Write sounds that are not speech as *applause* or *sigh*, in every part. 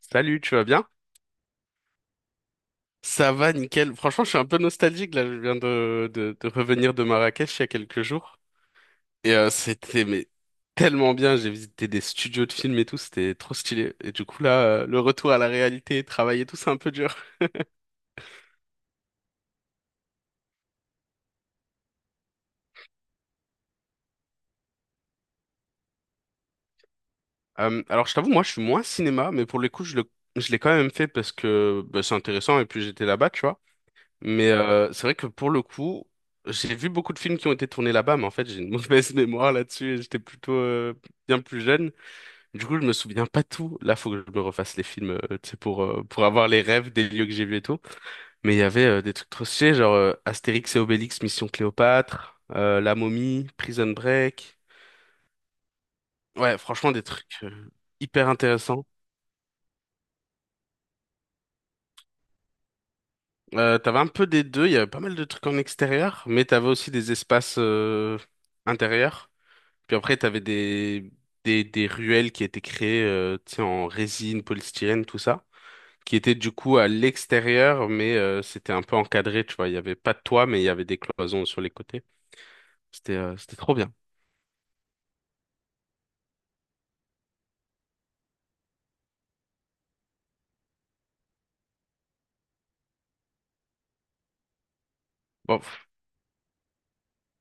Salut, tu vas bien? Ça va, nickel. Franchement, je suis un peu nostalgique là. Je viens de revenir de Marrakech il y a quelques jours. Et c'était mais tellement bien. J'ai visité des studios de films et tout. C'était trop stylé. Et du coup, là, le retour à la réalité, travailler et tout, c'est un peu dur. Alors, je t'avoue, moi, je suis moins cinéma, mais pour le coup, je l'ai quand même fait parce que bah, c'est intéressant. Et puis, j'étais là-bas, tu vois. Mais c'est vrai que pour le coup, j'ai vu beaucoup de films qui ont été tournés là-bas, mais en fait, j'ai une mauvaise *laughs* mémoire là-dessus. J'étais plutôt bien plus jeune. Du coup, je me souviens pas tout. Là, faut que je me refasse les films, tu sais, pour avoir les rêves des lieux que j'ai vus et tout. Mais il y avait des trucs trop stylés, genre Astérix et Obélix, Mission Cléopâtre, La Momie, Prison Break. Ouais, franchement, des trucs hyper intéressants. T'avais un peu des deux, il y avait pas mal de trucs en extérieur, mais t'avais aussi des espaces intérieurs. Puis après, t'avais des ruelles qui étaient créées, tu sais, en résine, polystyrène, tout ça, qui était du coup à l'extérieur, mais c'était un peu encadré, tu vois. Il y avait pas de toit, mais il y avait des cloisons sur les côtés. C'était trop bien. Bon, pff.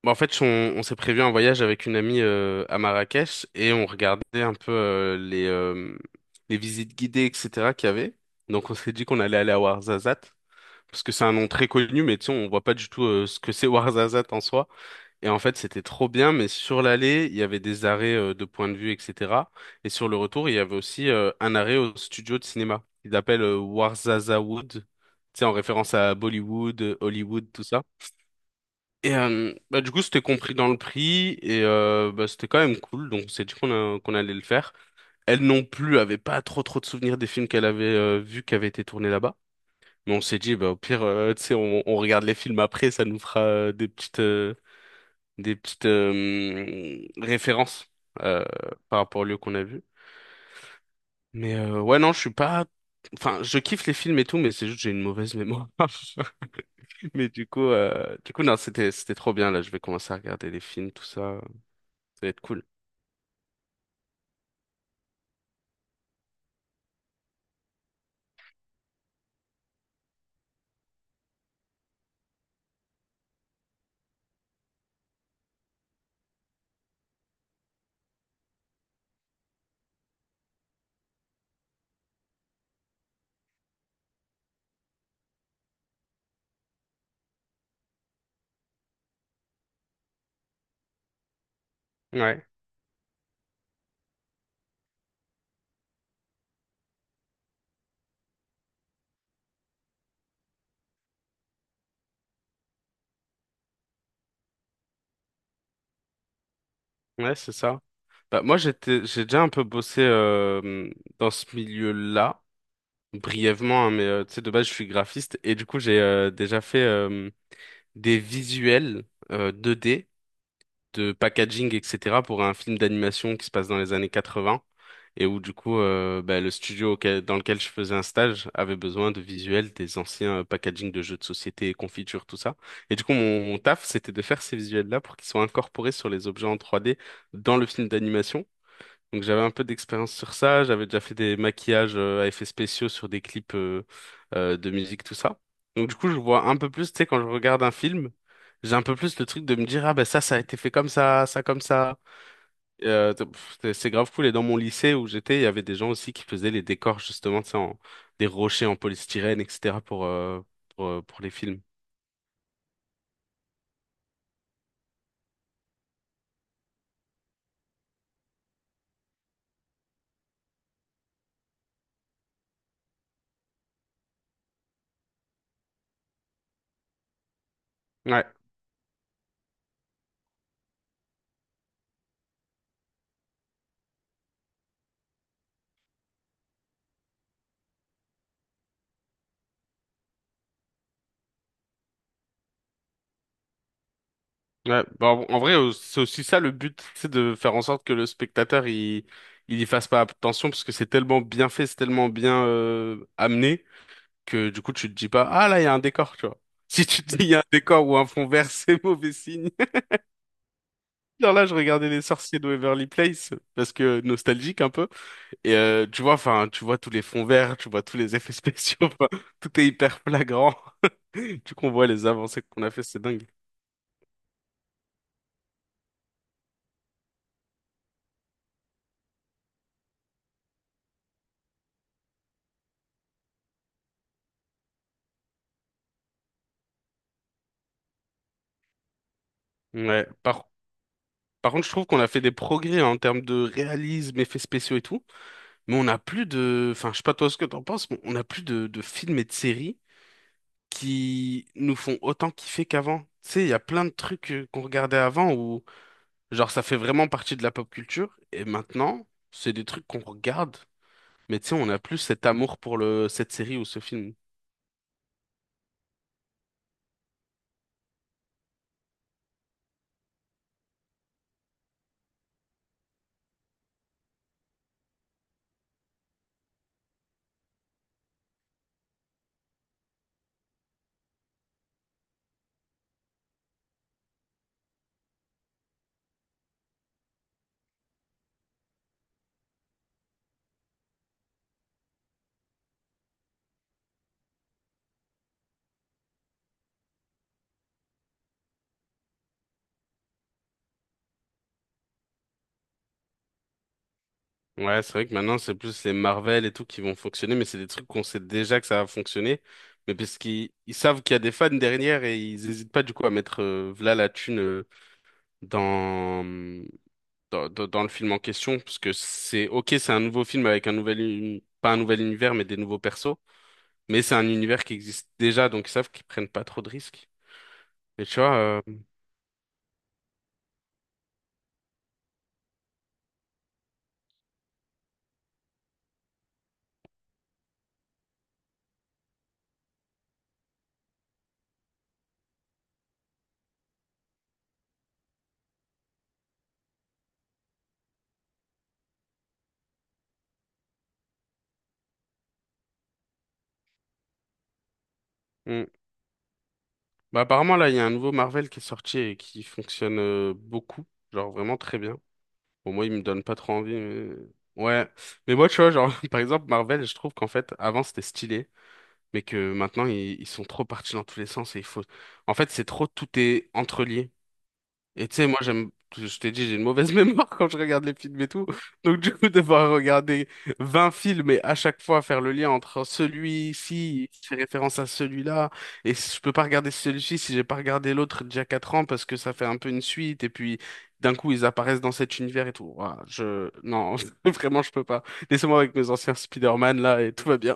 Bon, en fait, on s'est prévu un voyage avec une amie à Marrakech et on regardait un peu les visites guidées, etc. qu'il y avait. Donc, on s'est dit qu'on allait aller à Ouarzazate, parce que c'est un nom très connu, mais tu sais, on voit pas du tout ce que c'est Ouarzazate en soi. Et en fait, c'était trop bien, mais sur l'aller, il y avait des arrêts de point de vue, etc. Et sur le retour, il y avait aussi un arrêt au studio de cinéma. Il appelle Warzaza Wood, tu sais, en référence à Bollywood, Hollywood, tout ça. Et bah, du coup, c'était compris dans le prix, et bah, c'était quand même cool, donc on s'est dit qu'on allait le faire. Elle non plus avait pas trop trop de souvenirs des films qu'elle avait vus qui avaient été tournés là-bas. Mais on s'est dit, bah, au pire, tu sais, on regarde les films après, ça nous fera des petites références euh, par rapport au lieu qu'on a vu. Mais ouais, non, je suis pas. Enfin, je kiffe les films et tout, mais c'est juste que j'ai une mauvaise mémoire. *laughs* Mais du coup, non, c'était trop bien là. Je vais commencer à regarder les films, tout ça. Ça va être cool. Ouais, ouais, c'est ça. Bah moi, j'ai déjà un peu bossé dans ce milieu-là, brièvement, hein, mais tu sais, de base, je suis graphiste et du coup, j'ai déjà fait des visuels 2D de packaging, etc. pour un film d'animation qui se passe dans les années 80 et où du coup bah, dans lequel je faisais un stage avait besoin de visuels des anciens packaging de jeux de société, confitures, tout ça. Et du coup mon taf c'était de faire ces visuels-là pour qu'ils soient incorporés sur les objets en 3D dans le film d'animation. Donc j'avais un peu d'expérience sur ça, j'avais déjà fait des maquillages à effets spéciaux sur des clips de musique, tout ça. Donc du coup, je vois un peu plus, tu sais, quand je regarde un film, j'ai un peu plus le truc de me dire, ah ben ça a été fait comme ça comme ça. Pff, c'est grave cool. Et dans mon lycée où j'étais, il y avait des gens aussi qui faisaient les décors, justement, tu sais, en, des rochers en polystyrène, etc. Pour les films. Ouais, Ouais, bah, en vrai, c'est aussi ça le but, c'est de faire en sorte que le spectateur il y fasse pas attention parce que c'est tellement bien fait, c'est tellement bien amené que du coup tu te dis pas ah là il y a un décor, tu vois. *laughs* Si tu te dis il y a un décor ou un fond vert, *laughs* c'est mauvais signe. *laughs* Genre là, je regardais Les Sorciers de Waverly Place parce que nostalgique un peu et tu vois, enfin, tu vois tous les fonds verts, tu vois tous les effets spéciaux, *laughs* enfin, tout est hyper flagrant. *laughs* Du coup, on voit les avancées qu'on a fait, c'est dingue. Ouais, par Par contre, je trouve qu'on a fait des progrès en termes de réalisme, effets spéciaux et tout, mais on n'a plus de... Enfin, je sais pas toi ce que t'en penses, mais on n'a plus de films et de séries qui nous font autant kiffer qu'avant. Tu sais, il y a plein de trucs qu'on regardait avant où, genre, ça fait vraiment partie de la pop culture, et maintenant, c'est des trucs qu'on regarde, mais tu sais, on n'a plus cet amour pour le... cette série ou ce film. Ouais, c'est vrai que maintenant, c'est plus les Marvel et tout qui vont fonctionner, mais c'est des trucs qu'on sait déjà que ça va fonctionner. Mais parce qu'ils ils savent qu'il y a des fans derrière et ils hésitent pas du coup à mettre v'là la thune dans, dans le film en question. Parce que c'est ok, c'est un nouveau film avec pas un nouvel univers, mais des nouveaux persos. Mais c'est un univers qui existe déjà, donc ils savent qu'ils prennent pas trop de risques. Et tu vois, on- bah, apparemment là, il y a un nouveau Marvel qui est sorti et qui fonctionne beaucoup, genre vraiment très bien. Bon, moi, il me donne pas trop envie, mais... Ouais. Mais moi, tu vois, genre, *laughs* par exemple, Marvel, je trouve qu'en fait, avant, c'était stylé, mais que maintenant, ils sont trop partis dans tous les sens et il faut... En fait, c'est trop, tout est entrelié. Et tu sais, je t'ai dit, j'ai une mauvaise *laughs* mémoire quand je regarde les films et tout. Donc, du coup, devoir regarder 20 films et à chaque fois faire le lien entre celui-ci qui fait référence à celui-là. Et je peux pas regarder celui-ci si j'ai pas regardé l'autre d'il y a 4 ans parce que ça fait un peu une suite. Et puis, d'un coup, ils apparaissent dans cet univers et tout. Ouah, non, *laughs* vraiment, je peux pas. Laissez-moi avec mes anciens Spider-Man là et tout va bien.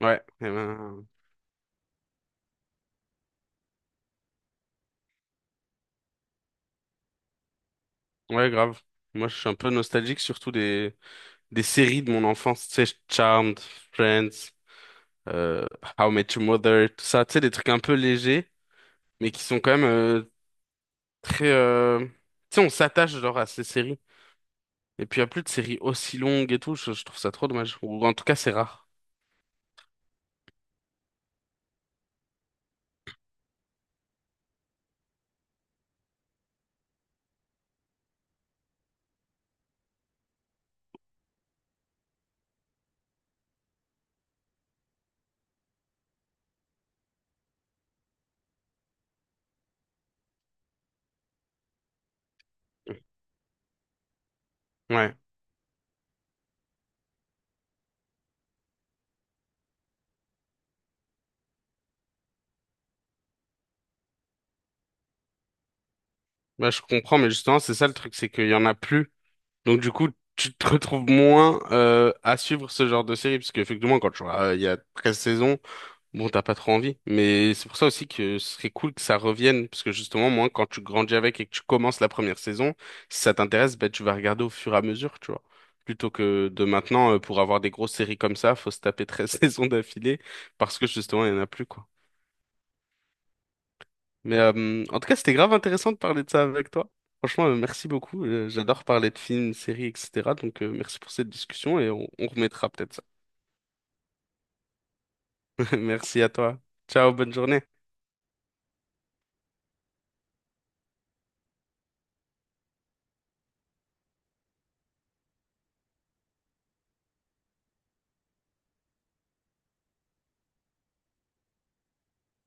Ouais, eh ben, ouais, grave. Moi, je suis un peu nostalgique, surtout des séries de mon enfance, tu sais, Charmed, Friends, euh, How I Met Your Mother, tout ça, tu sais, des trucs un peu légers, mais qui sont quand même très... Tu sais, on s'attache genre à ces séries. Et puis, il n'y a plus de séries aussi longues et tout, je trouve ça trop dommage. Ou en tout cas, c'est rare. Ouais, bah, je comprends, mais justement, c'est ça le truc, c'est qu'il y en a plus. Donc, du coup, tu te retrouves moins à suivre ce genre de série, parce qu'effectivement, quand tu vois, il y a 13 saisons. Bon, t'as pas trop envie, mais c'est pour ça aussi que ce serait cool que ça revienne, parce que justement, moi, quand tu grandis avec et que tu commences la première saison, si ça t'intéresse, ben, tu vas regarder au fur et à mesure, tu vois. Plutôt que de maintenant, pour avoir des grosses séries comme ça, faut se taper 13 *laughs* saisons d'affilée, parce que justement, il y en a plus, quoi. Mais en tout cas, c'était grave intéressant de parler de ça avec toi. Franchement, merci beaucoup. J'adore parler de films, séries, etc. Donc, merci pour cette discussion et on remettra peut-être ça. *laughs* Merci à toi. Ciao, bonne journée.